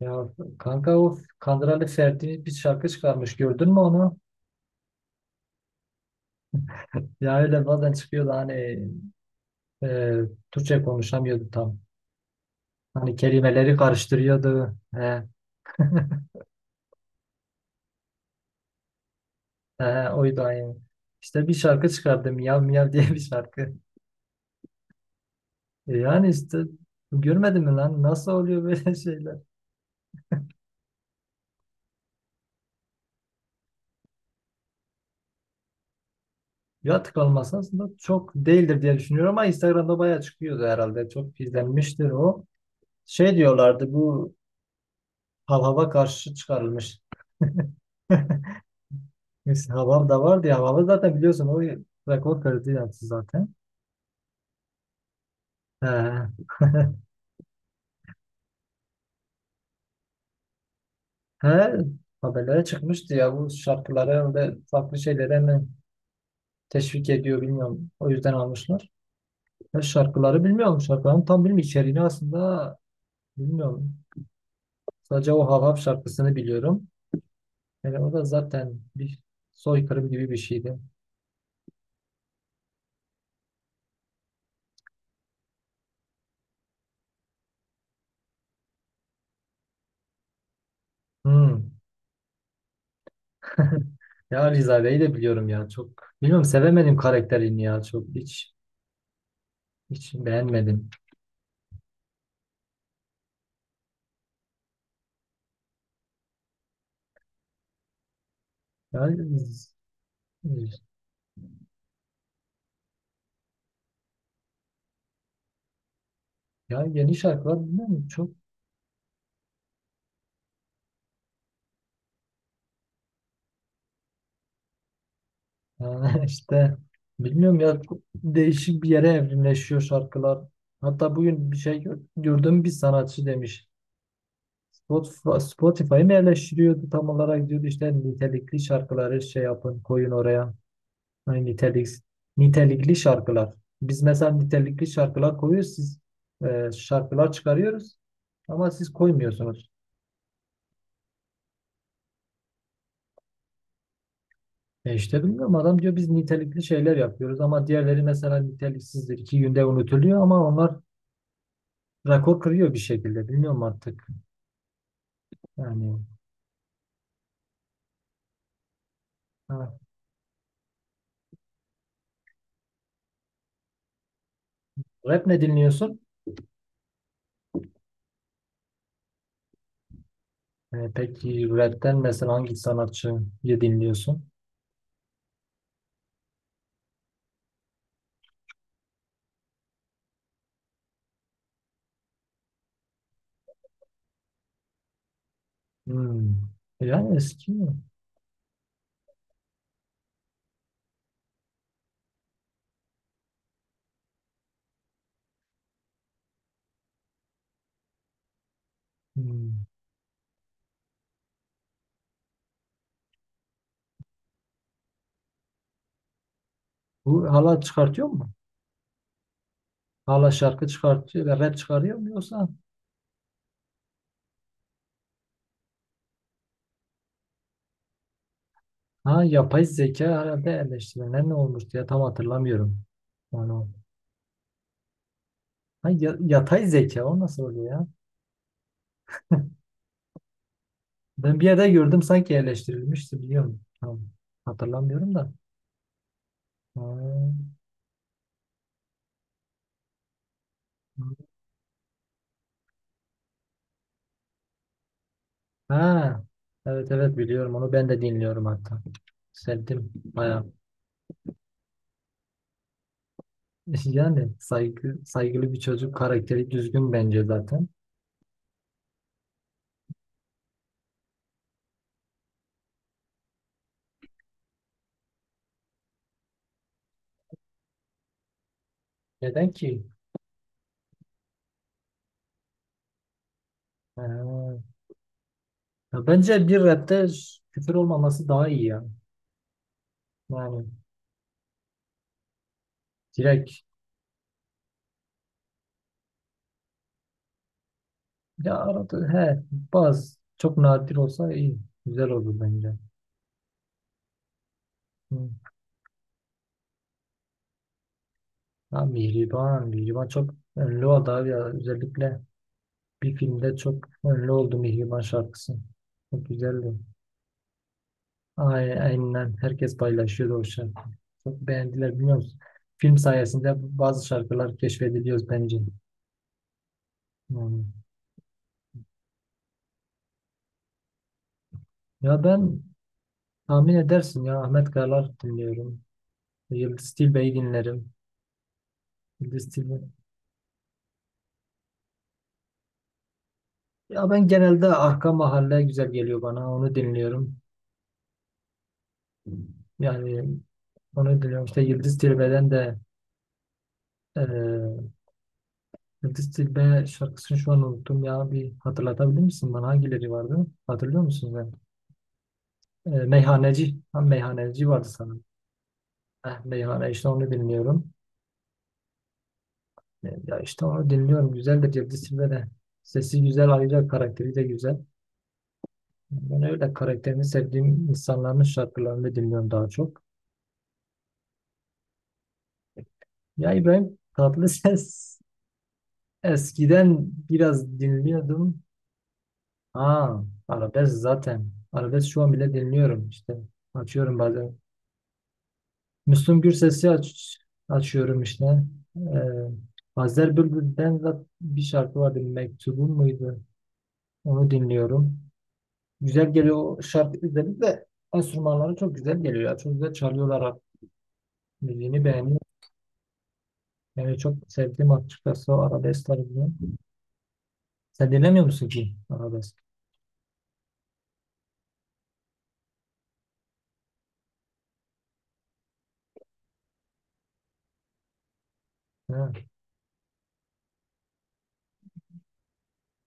Ya kanka, o Kandıra'lı Ferdi bir şarkı çıkarmış, gördün mü onu? Ya öyle bazen çıkıyordu hani, e, Türkçe konuşamıyordu tam. Hani kelimeleri karıştırıyordu. He, he, oydu aynı. İşte bir şarkı çıkardı, Miyav Miyav diye bir şarkı. Yani işte, görmedin mi lan nasıl oluyor böyle şeyler? Ya tıklanması aslında çok değildir diye düşünüyorum, ama Instagram'da bayağı çıkıyordu herhalde. Çok izlenmiştir o. Şey diyorlardı, bu hava karşı çıkarılmış. Neyse, Havav da vardı ya. Havav zaten biliyorsun, o rekor kırdı yaptı zaten. He. He. Haberlere çıkmıştı ya, bu şarkıları ve farklı şeylere mi teşvik ediyor bilmiyorum. O yüzden almışlar. Ben şarkıları bilmiyorum. Şarkıların tam bilmiyorum, içeriğini aslında bilmiyorum. Sadece o Havav şarkısını biliyorum. Yani o da zaten bir soykırım gibi bir şeydi. Hmm. Ya Rizade'yi de biliyorum ya, çok. Bilmiyorum, sevemedim karakterini ya, çok. Hiç beğenmedim. Yani, ya yeni şarkılar bilmiyorum çok. Yani işte, bilmiyorum ya, çok değişik bir yere evrimleşiyor şarkılar. Hatta bugün bir şey gördüm, bir sanatçı demiş. Spotify'ı mı eleştiriyordu tam olarak, diyordu işte nitelikli şarkıları şey yapın, koyun oraya. Hani nitelikli şarkılar. Biz mesela nitelikli şarkılar koyuyoruz, siz şarkılar çıkarıyoruz ama siz koymuyorsunuz. E işte bilmiyorum, adam diyor biz nitelikli şeyler yapıyoruz, ama diğerleri mesela niteliksizdir. İki günde unutuluyor ama onlar rekor kırıyor bir şekilde. Bilmiyorum artık. Yani, ha. Rap ne dinliyorsun? Peki rapten mesela hangi sanatçıyı dinliyorsun? Hmm. Yani eski mi? Hmm. Bu hala çıkartıyor mu? Hala şarkı çıkartıyor ve rap çıkarıyor mu yoksa? Ha, yapay zeka herhalde eleştirilen, ne olmuştu ya, tam hatırlamıyorum. Yani, o... Ha, yatay zeka, o nasıl oluyor ya? Ben bir yerde gördüm sanki, yerleştirilmişti biliyorum. Tam hatırlamıyorum da. Ha, ha. Evet, evet, biliyorum onu, ben de dinliyorum hatta. Sevdim bayağı. Yani saygılı bir çocuk, karakteri düzgün bence zaten. Neden ki? Ha. Ya bence bir rapte küfür olmaması daha iyi ya. Yani direkt, ya arada he, bazı çok nadir olsa iyi. Güzel olur bence. Hı. Ya Mihriban çok ünlü oldu abi ya. Özellikle bir filmde çok ünlü oldu Mihriban şarkısı. Çok güzeldi. Ay, aynen, herkes paylaşıyordu o şarkıyı. Çok beğendiler, biliyor musun? Film sayesinde bazı şarkılar keşfediliyoruz bence. Yani. Ya ben, tahmin edersin ya, Ahmet Kayalar dinliyorum. Yıldız Tilbe'yi dinlerim. Yıldız Tilbe. Ya ben genelde Arka Mahalle, güzel geliyor bana. Onu dinliyorum. Yani onu dinliyorum. İşte Yıldız Tilbe'den de... Ee, Dilbe şarkısını şu an unuttum ya. Bir hatırlatabilir misin bana? Hangileri vardı? Hatırlıyor musun sen? Meyhaneci. Ha, meyhaneci vardı sanırım. Meyhane işte, onu bilmiyorum. Ya işte onu dinliyorum. Güzel de Cevdet Silbe de. Sesi güzel, ayrıca karakteri de güzel. Ben öyle karakterini sevdiğim insanların şarkılarını dinliyorum daha çok. Ya İbrahim Tatlıses, eskiden biraz dinliyordum. Ha, arabesk zaten. Arabesk şu an bile dinliyorum işte. Açıyorum bazen Müslüm Gürses'i, açıyorum işte. Ee, Azer Bülbül'den bir şarkı vardı, Mektubun muydu? Onu dinliyorum. Güzel geliyor o şarkı, özellikle enstrümanları çok güzel geliyor ya. Çok güzel çalıyorlar abi. Müziğini beğeniyorum. Yani çok sevdiğim açıkçası o arabesk tarzını. Sen dinlemiyor musun ki arabesk? Ha,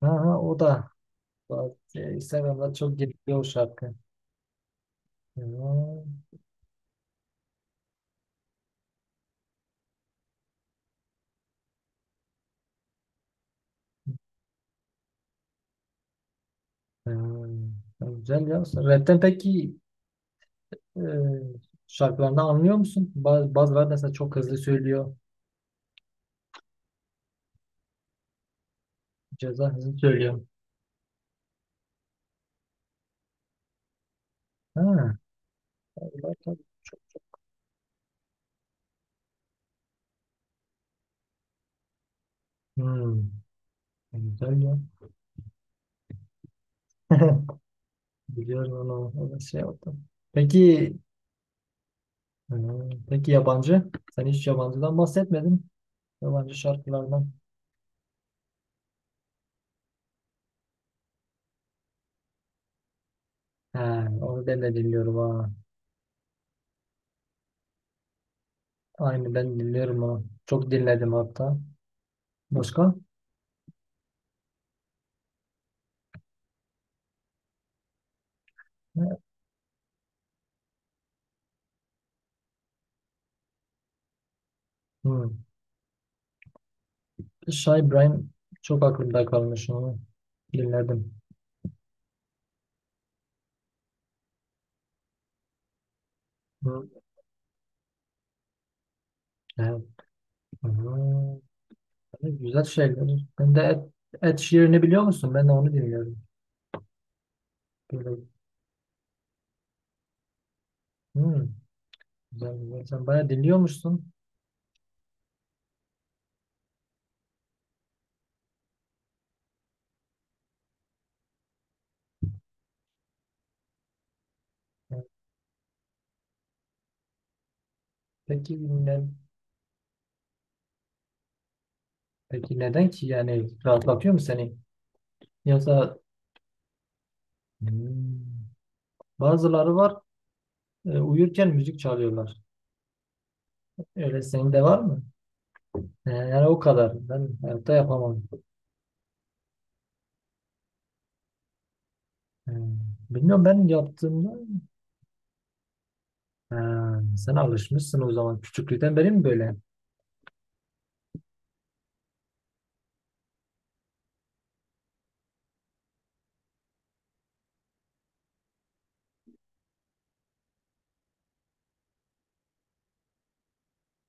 ha, ha, o da. Bak, Instagram'da çok geliyor o şarkı. Ha, ha, güzel ya. Rap'ten peki, e, şarkılarında anlıyor musun? Bazıları mesela çok hızlı söylüyor. Ceza hızlı söylüyor. Ha. Allah tabii. Hmm. Güzel ya. Biliyorum onu. O da şey oldu. Peki peki yabancı? Sen hiç yabancıdan bahsetmedin. Yabancı şarkılardan. He, onu ben de dinliyorum ha. Aynı ben dinliyorum onu. Çok dinledim hatta. Başka? Hmm. Şah İbrahim, çok aklımda kalmış onu. Dinledim. Hı. He, aa, hani güzel şeyler. Ben de Ed Sheeran'ı biliyor musun? Ben de onu dinliyorum. Böyle, hmm, güzel, güzel. Sen bayağı dinliyormuşsun. Peki, ne, peki neden ki? Yani rahatlatıyor mu seni? Yoksa... hmm, bazıları var, uyurken müzik çalıyorlar. Öyle senin de var mı? Yani o kadar. Ben hayatta yapamam. Hmm, bilmiyorum, ben yaptığımda... Ha, sen alışmışsın o zaman. Küçüklükten beri mi böyle?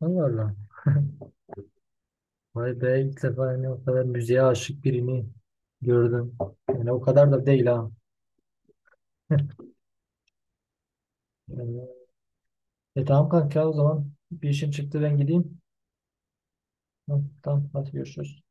Allah Allah. Vay be, ilk defa yani o kadar müziğe aşık birini gördüm. Yani o kadar da değil ha. Yani, tamam kanka, o zaman bir işim çıktı, ben gideyim. Hı, tamam, hadi görüşürüz.